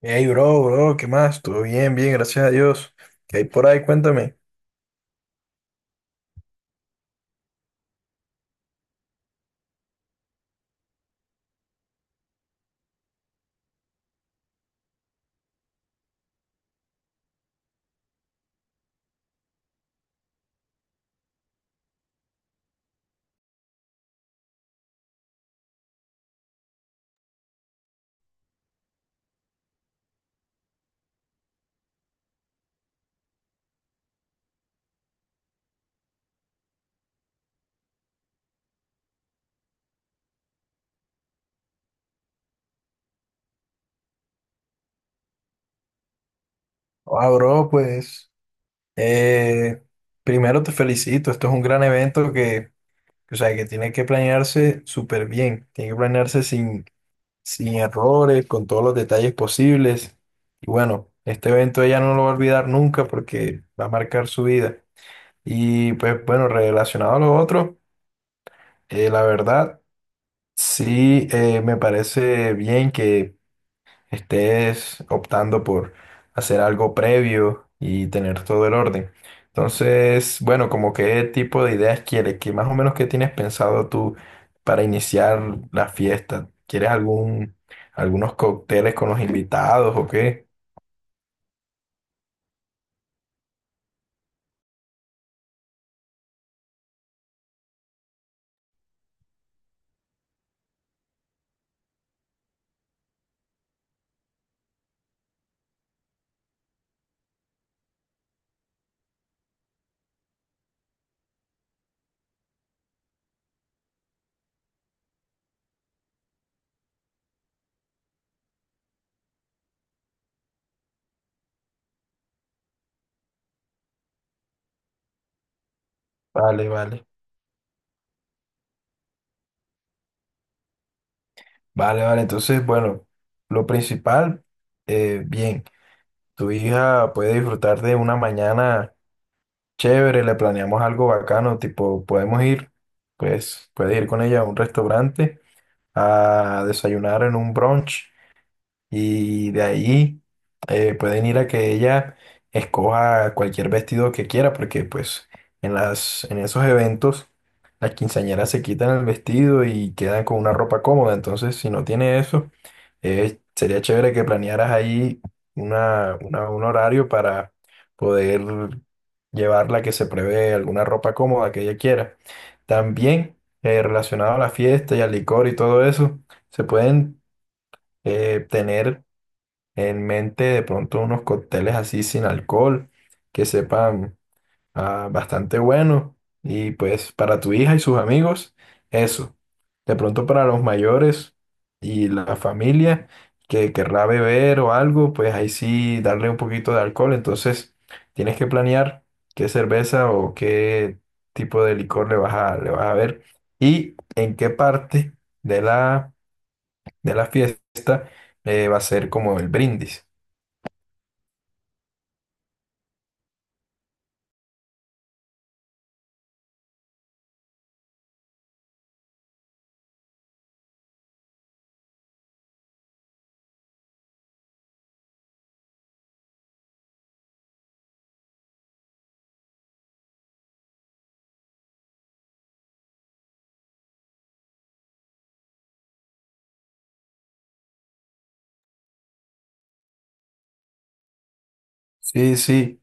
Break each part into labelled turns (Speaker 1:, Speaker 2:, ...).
Speaker 1: Hey, bro, ¿qué más? Todo bien, gracias a Dios. ¿Qué hay por ahí? Cuéntame. Ah, bro, pues, eh, primero te felicito. Esto es un gran evento que, o sea, que tiene que planearse súper bien. Tiene que planearse sin errores, con todos los detalles posibles. Y bueno, este evento ella no lo va a olvidar nunca porque va a marcar su vida. Y pues, bueno, relacionado a lo otro, la verdad, sí, me parece bien que estés optando por hacer algo previo y tener todo el orden. Entonces, bueno, como qué tipo de ideas quieres, que más o menos qué tienes pensado tú para iniciar la fiesta. ¿Quieres algunos cócteles con los invitados o qué? Vale, vale. Vale, vale. Entonces, bueno, lo principal, bien, tu hija puede disfrutar de una mañana. Chévere, le planeamos algo bacano, tipo, podemos ir, pues, puedes ir con ella a un restaurante a desayunar en un brunch y de ahí pueden ir a que ella escoja cualquier vestido que quiera, porque pues en en esos eventos las quinceañeras se quitan el vestido y quedan con una ropa cómoda. Entonces, si no tiene eso, sería chévere que planearas ahí un horario para poder llevarla que se prevé alguna ropa cómoda que ella quiera. También relacionado a la fiesta y al licor y todo eso, se pueden tener en mente de pronto unos cócteles así sin alcohol que sepan bastante bueno y pues para tu hija y sus amigos eso. De pronto para los mayores y la familia que querrá beber o algo, pues ahí sí darle un poquito de alcohol. Entonces tienes que planear qué cerveza o qué tipo de licor le vas a ver y en qué parte de la, de la fiesta va a ser como el brindis. Sí, sí.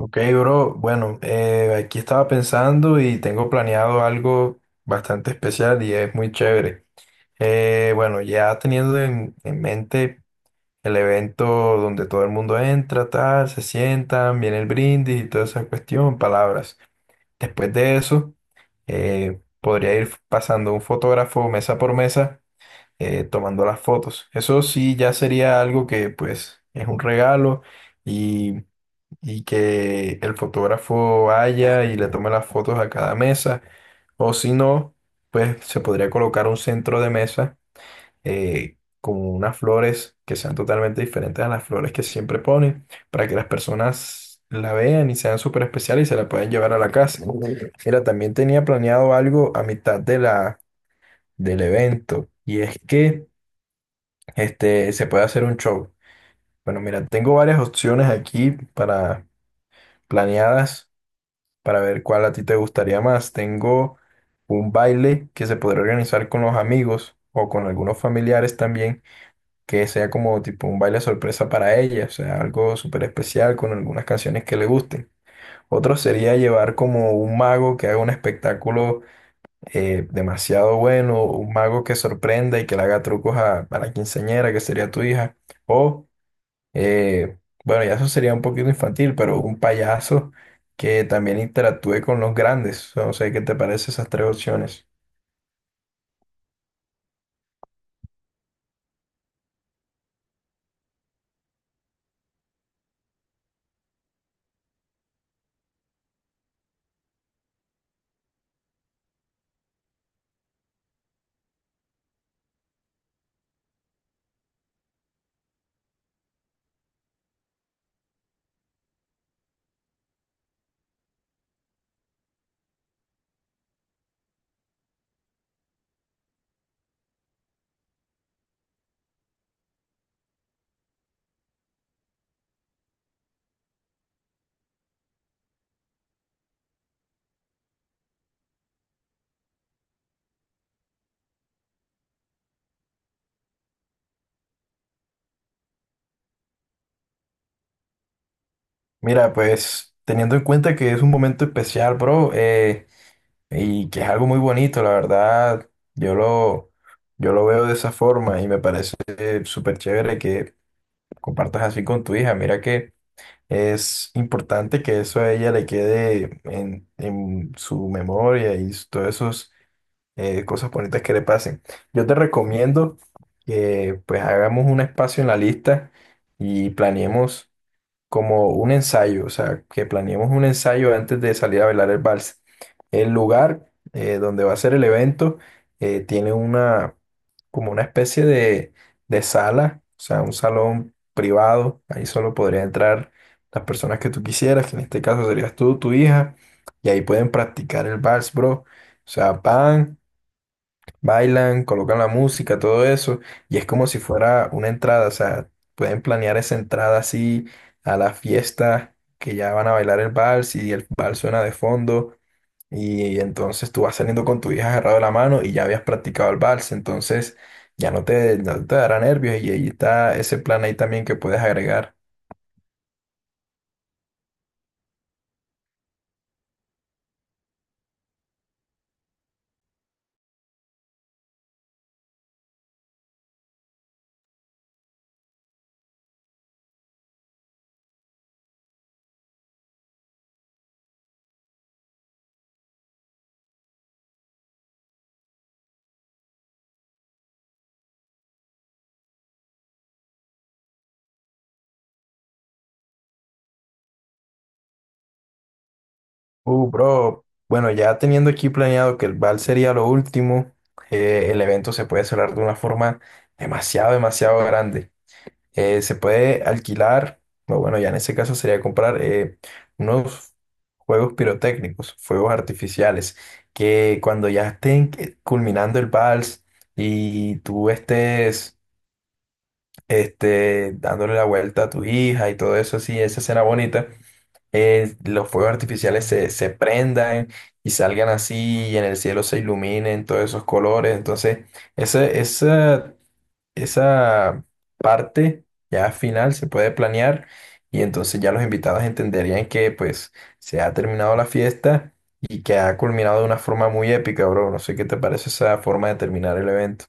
Speaker 1: Ok, bro. Bueno, aquí estaba pensando y tengo planeado algo bastante especial y es muy chévere. Bueno, ya teniendo en mente el evento donde todo el mundo entra, tal, se sientan, viene el brindis y toda esa cuestión, palabras. Después de eso, podría ir pasando un fotógrafo mesa por mesa, tomando las fotos. Eso sí, ya sería algo que pues es un regalo. Y que el fotógrafo vaya y le tome las fotos a cada mesa. O si no, pues se podría colocar un centro de mesa con unas flores que sean totalmente diferentes a las flores que siempre ponen para que las personas la vean y sean súper especiales y se la puedan llevar a la casa. Mira, también tenía planeado algo a mitad de del evento y es que este, se puede hacer un show. Bueno, mira, tengo varias opciones aquí para planeadas. Para ver cuál a ti te gustaría más. Tengo un baile que se podría organizar con los amigos o con algunos familiares también, que sea como tipo un baile sorpresa para ella, o sea, algo súper especial con algunas canciones que le gusten. Otro sería llevar como un mago que haga un espectáculo demasiado bueno, un mago que sorprenda y que le haga trucos a la quinceañera, que sería tu hija. O eh, bueno, ya eso sería un poquito infantil, pero un payaso que también interactúe con los grandes. No sé qué te parece esas tres opciones. Mira, pues teniendo en cuenta que es un momento especial, bro, y que es algo muy bonito, la verdad, yo lo, yo lo veo de esa forma y me parece súper chévere que compartas así con tu hija. Mira que es importante que eso a ella le quede en su memoria y s- todos esos cosas bonitas que le pasen. Yo te recomiendo que pues hagamos un espacio en la lista y planeemos como un ensayo, o sea, que planeemos un ensayo antes de salir a bailar el vals. El lugar donde va a ser el evento tiene una como una especie de sala, o sea, un salón privado. Ahí solo podrían entrar las personas que tú quisieras, que en este caso serías tú, tu hija, y ahí pueden practicar el vals, bro. O sea, van bailan, colocan la música, todo eso, y es como si fuera una entrada, o sea, pueden planear esa entrada así a la fiesta que ya van a bailar el vals y el vals suena de fondo, y, entonces tú vas saliendo con tu hija agarrado de la mano y ya habías practicado el vals, entonces ya no no te dará nervios y ahí está ese plan ahí también que puedes agregar. Bro, bueno, ya teniendo aquí planeado que el vals sería lo último, el evento se puede cerrar de una forma demasiado grande. Eh, se puede alquilar, o bueno, ya en ese caso sería comprar unos juegos pirotécnicos, fuegos artificiales, que cuando ya estén que- culminando el vals y tú estés este, dándole la vuelta a tu hija y todo eso así, esa escena bonita, los fuegos artificiales se prendan y salgan así y en el cielo se iluminen todos esos colores. Entonces, ese esa parte ya final se puede planear y entonces ya los invitados entenderían que pues se ha terminado la fiesta y que ha culminado de una forma muy épica, bro. No sé qué te parece esa forma de terminar el evento.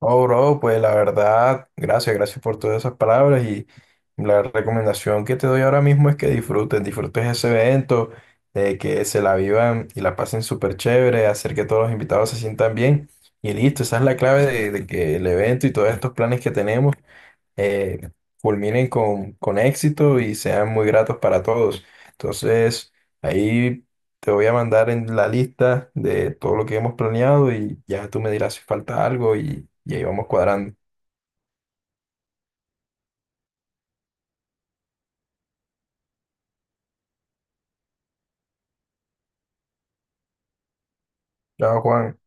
Speaker 1: Oh, bro, pues la verdad, gracias por todas esas palabras. La recomendación que te doy ahora mismo es que disfrutes ese evento, que se la vivan y la pasen súper chévere, hacer que todos los invitados se sientan bien y listo, esa es la clave de que el evento y todos estos planes que tenemos eh, culminen con éxito y sean muy gratos para todos. Entonces, ahí te voy a mandar en la lista de todo lo que hemos planeado y ya tú me dirás si falta algo y ahí vamos cuadrando. Chao, Juan.